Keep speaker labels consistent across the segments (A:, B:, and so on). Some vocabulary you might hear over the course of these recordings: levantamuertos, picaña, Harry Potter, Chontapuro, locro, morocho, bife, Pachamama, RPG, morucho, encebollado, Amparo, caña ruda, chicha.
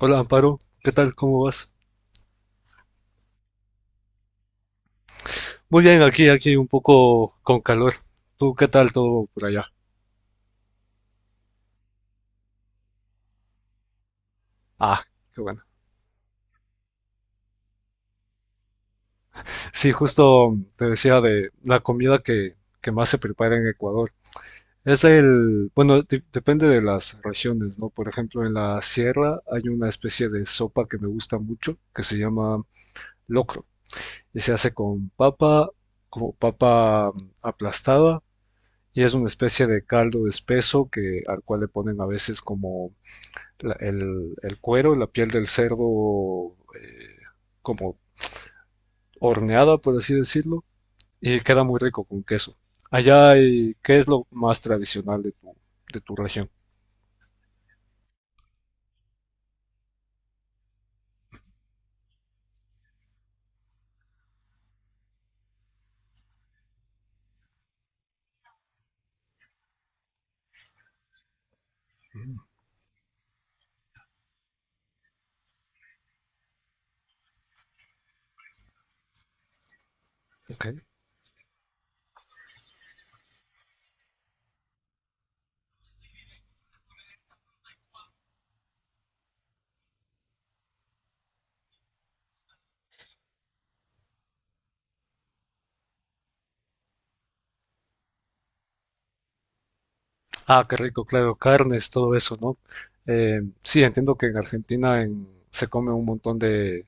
A: Hola Amparo, ¿qué tal? ¿Cómo vas? Muy bien, aquí un poco con calor. ¿Tú qué tal todo por allá? Ah, qué bueno. Sí, justo te decía de la comida que más se prepara en Ecuador. Es bueno, depende de las regiones, ¿no? Por ejemplo, en la sierra hay una especie de sopa que me gusta mucho que se llama locro y se hace con papa, como papa aplastada, y es una especie de caldo espeso que al cual le ponen a veces como el cuero, la piel del cerdo, como horneada, por así decirlo, y queda muy rico con queso. Allá, ¿qué es lo más tradicional de tu región? Ok. Ah, qué rico, claro, carnes, todo eso, ¿no? Sí, entiendo que en Argentina se come un montón de,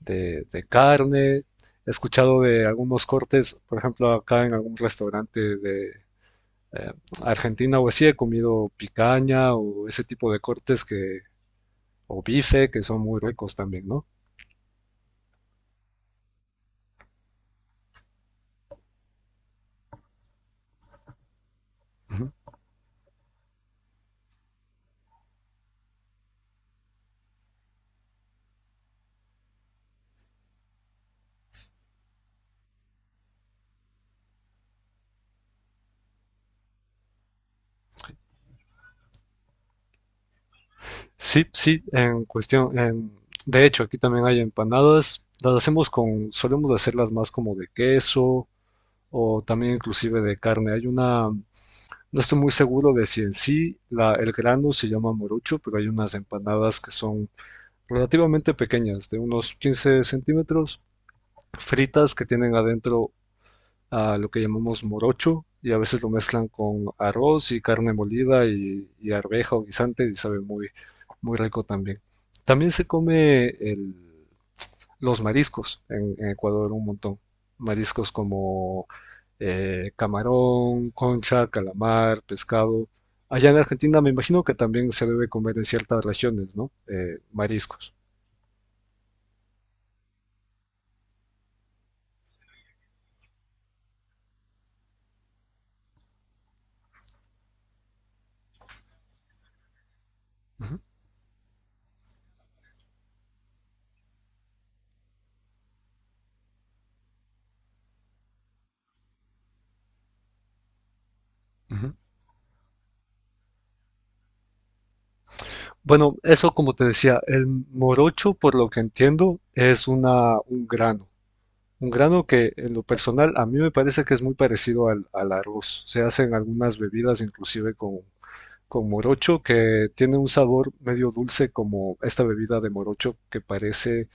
A: de, de carne. He escuchado de algunos cortes, por ejemplo, acá en algún restaurante de eh, Argentina o así. He comido picaña o ese tipo de cortes o bife, que son muy ricos también, ¿no? Ujú. Sí, sí, en cuestión, de hecho, aquí también hay empanadas. Las hacemos solemos hacerlas más como de queso o también inclusive de carne. Hay no estoy muy seguro de si en sí el grano se llama morucho, pero hay unas empanadas que son relativamente pequeñas, de unos 15 cm, fritas, que tienen adentro a lo que llamamos morocho, y a veces lo mezclan con arroz y carne molida y arveja o guisante, y sabe muy, muy rico también. También se come los mariscos en Ecuador un montón. Mariscos como camarón, concha, calamar, pescado. Allá en Argentina me imagino que también se debe comer en ciertas regiones, ¿no? Mariscos. Ujú, ujú. Bueno, eso como te decía, el morocho, por lo que entiendo, es un grano. Un grano que en lo personal a mí me parece que es muy parecido al arroz. Se hacen algunas bebidas inclusive con morocho, que tiene un sabor medio dulce, como esta bebida de morocho que parece,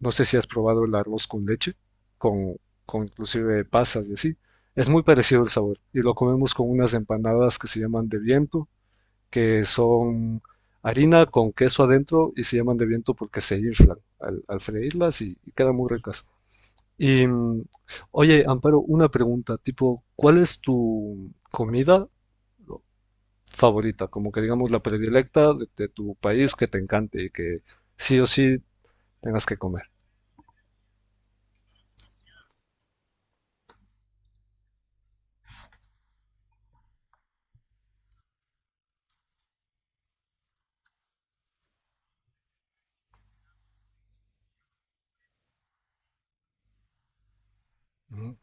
A: no sé si has probado el arroz con leche, con, inclusive pasas y así. Es muy parecido el sabor, y lo comemos con unas empanadas que se llaman de viento, que son harina con queso adentro, y se llaman de viento porque se inflan al freírlas, y quedan muy ricas. Y, mm, Oye, Amparo, una pregunta, tipo, ¿cuál es tu comida favorita? Como que digamos la predilecta de tu país, que te encante y que sí o sí tengas que comer. Ujú.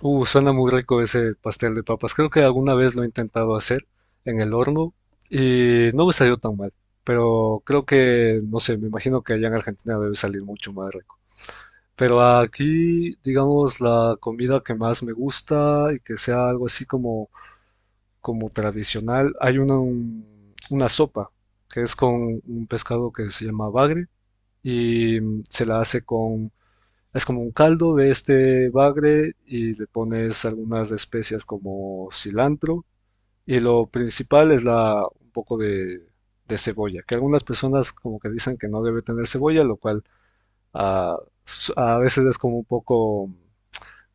A: Suena muy rico ese pastel de papas. Creo que alguna vez lo he intentado hacer en el horno y no me salió tan mal, pero creo que, no sé, me imagino que allá en Argentina debe salir mucho más rico. Pero aquí, digamos, la comida que más me gusta y que sea algo así como tradicional, hay una sopa que es con un pescado que se llama bagre, y se la hace es como un caldo de este bagre, y le pones algunas especias como cilantro. Y lo principal es un poco de cebolla, que algunas personas como que dicen que no debe tener cebolla, lo cual, ah, a veces es como un poco,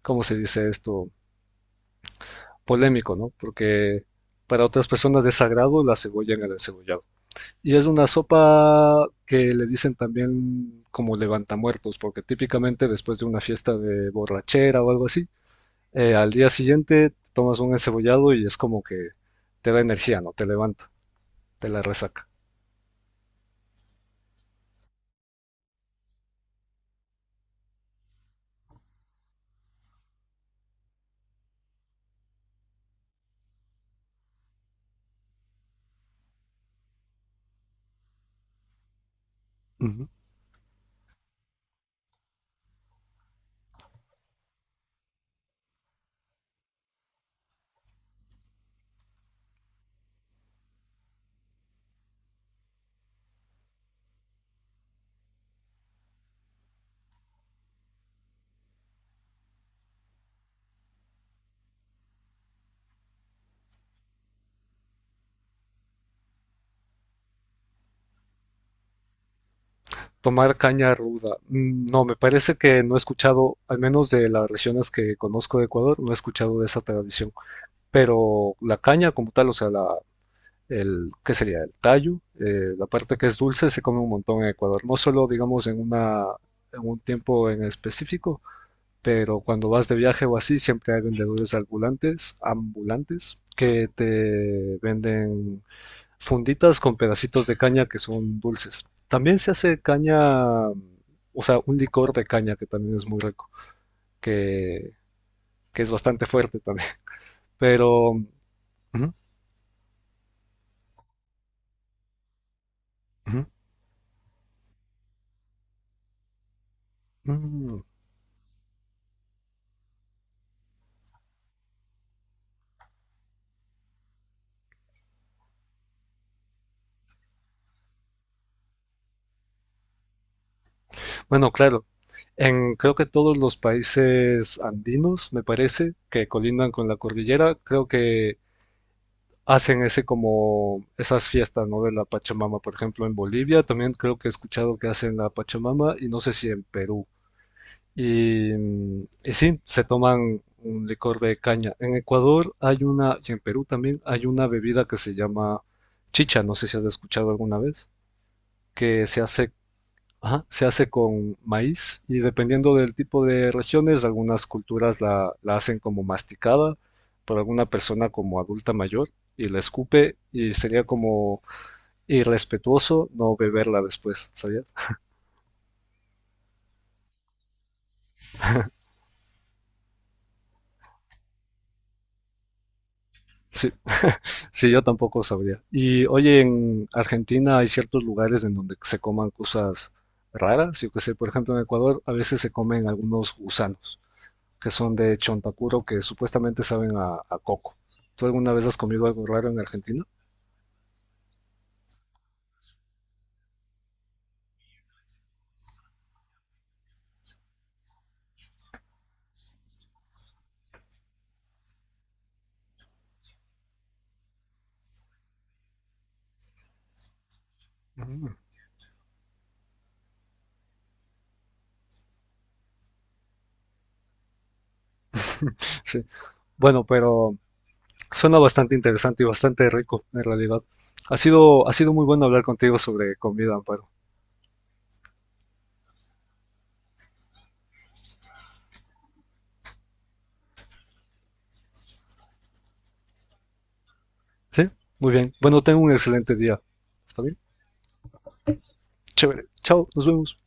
A: ¿cómo se dice esto?, polémico, ¿no? Porque para otras personas de sagrado la cebolla en el encebollado. Y es una sopa que le dicen también como levantamuertos, porque típicamente después de una fiesta de borrachera o algo así, al día siguiente tomas un encebollado y es como que te da energía, ¿no? Te levanta, te la resaca. Ujú. Tomar caña ruda. Mm, no, me parece que no he escuchado, al menos de las regiones que conozco de Ecuador, no he escuchado de esa tradición. Pero la caña como tal, o sea, ¿qué sería? El tallo, la parte que es dulce se come un montón en Ecuador, no solo digamos en un tiempo en específico, pero cuando vas de viaje o así siempre hay vendedores ambulantes que te venden funditas con pedacitos de caña que son dulces. También se hace caña, o sea, un licor de caña que también es muy rico, que, que es bastante fuerte también, pero... Ujú, ujú, mm. Bueno, claro, en creo que todos los países andinos, me parece, que colindan con la cordillera, creo que hacen ese como esas fiestas, ¿no? De la Pachamama. Por ejemplo, en Bolivia también creo que he escuchado que hacen la Pachamama, y no sé si en Perú. Y sí, se toman un licor de caña. En Ecuador hay una, y en Perú también hay una bebida que se llama chicha, no sé si has escuchado alguna vez, que se hace. Ajá, se hace con maíz, y dependiendo del tipo de regiones, algunas culturas la hacen como masticada por alguna persona como adulta mayor, y la escupe, y sería como irrespetuoso no beberla después, ¿sabías? Sí, sí, yo tampoco sabría. Y oye, en Argentina hay ciertos lugares en donde se coman cosas raras, yo qué sé. Por ejemplo, en Ecuador a veces se comen algunos gusanos que son de Chontapuro, que supuestamente saben a coco. ¿Tú alguna vez has comido algo raro en Argentina? Mm. Sí. Bueno, pero suena bastante interesante y bastante rico, en realidad. Ha sido muy bueno hablar contigo sobre comida, Amparo. Sí, muy bien. Bueno, tengo un excelente día. ¿Está bien? Chévere. Chao, nos vemos.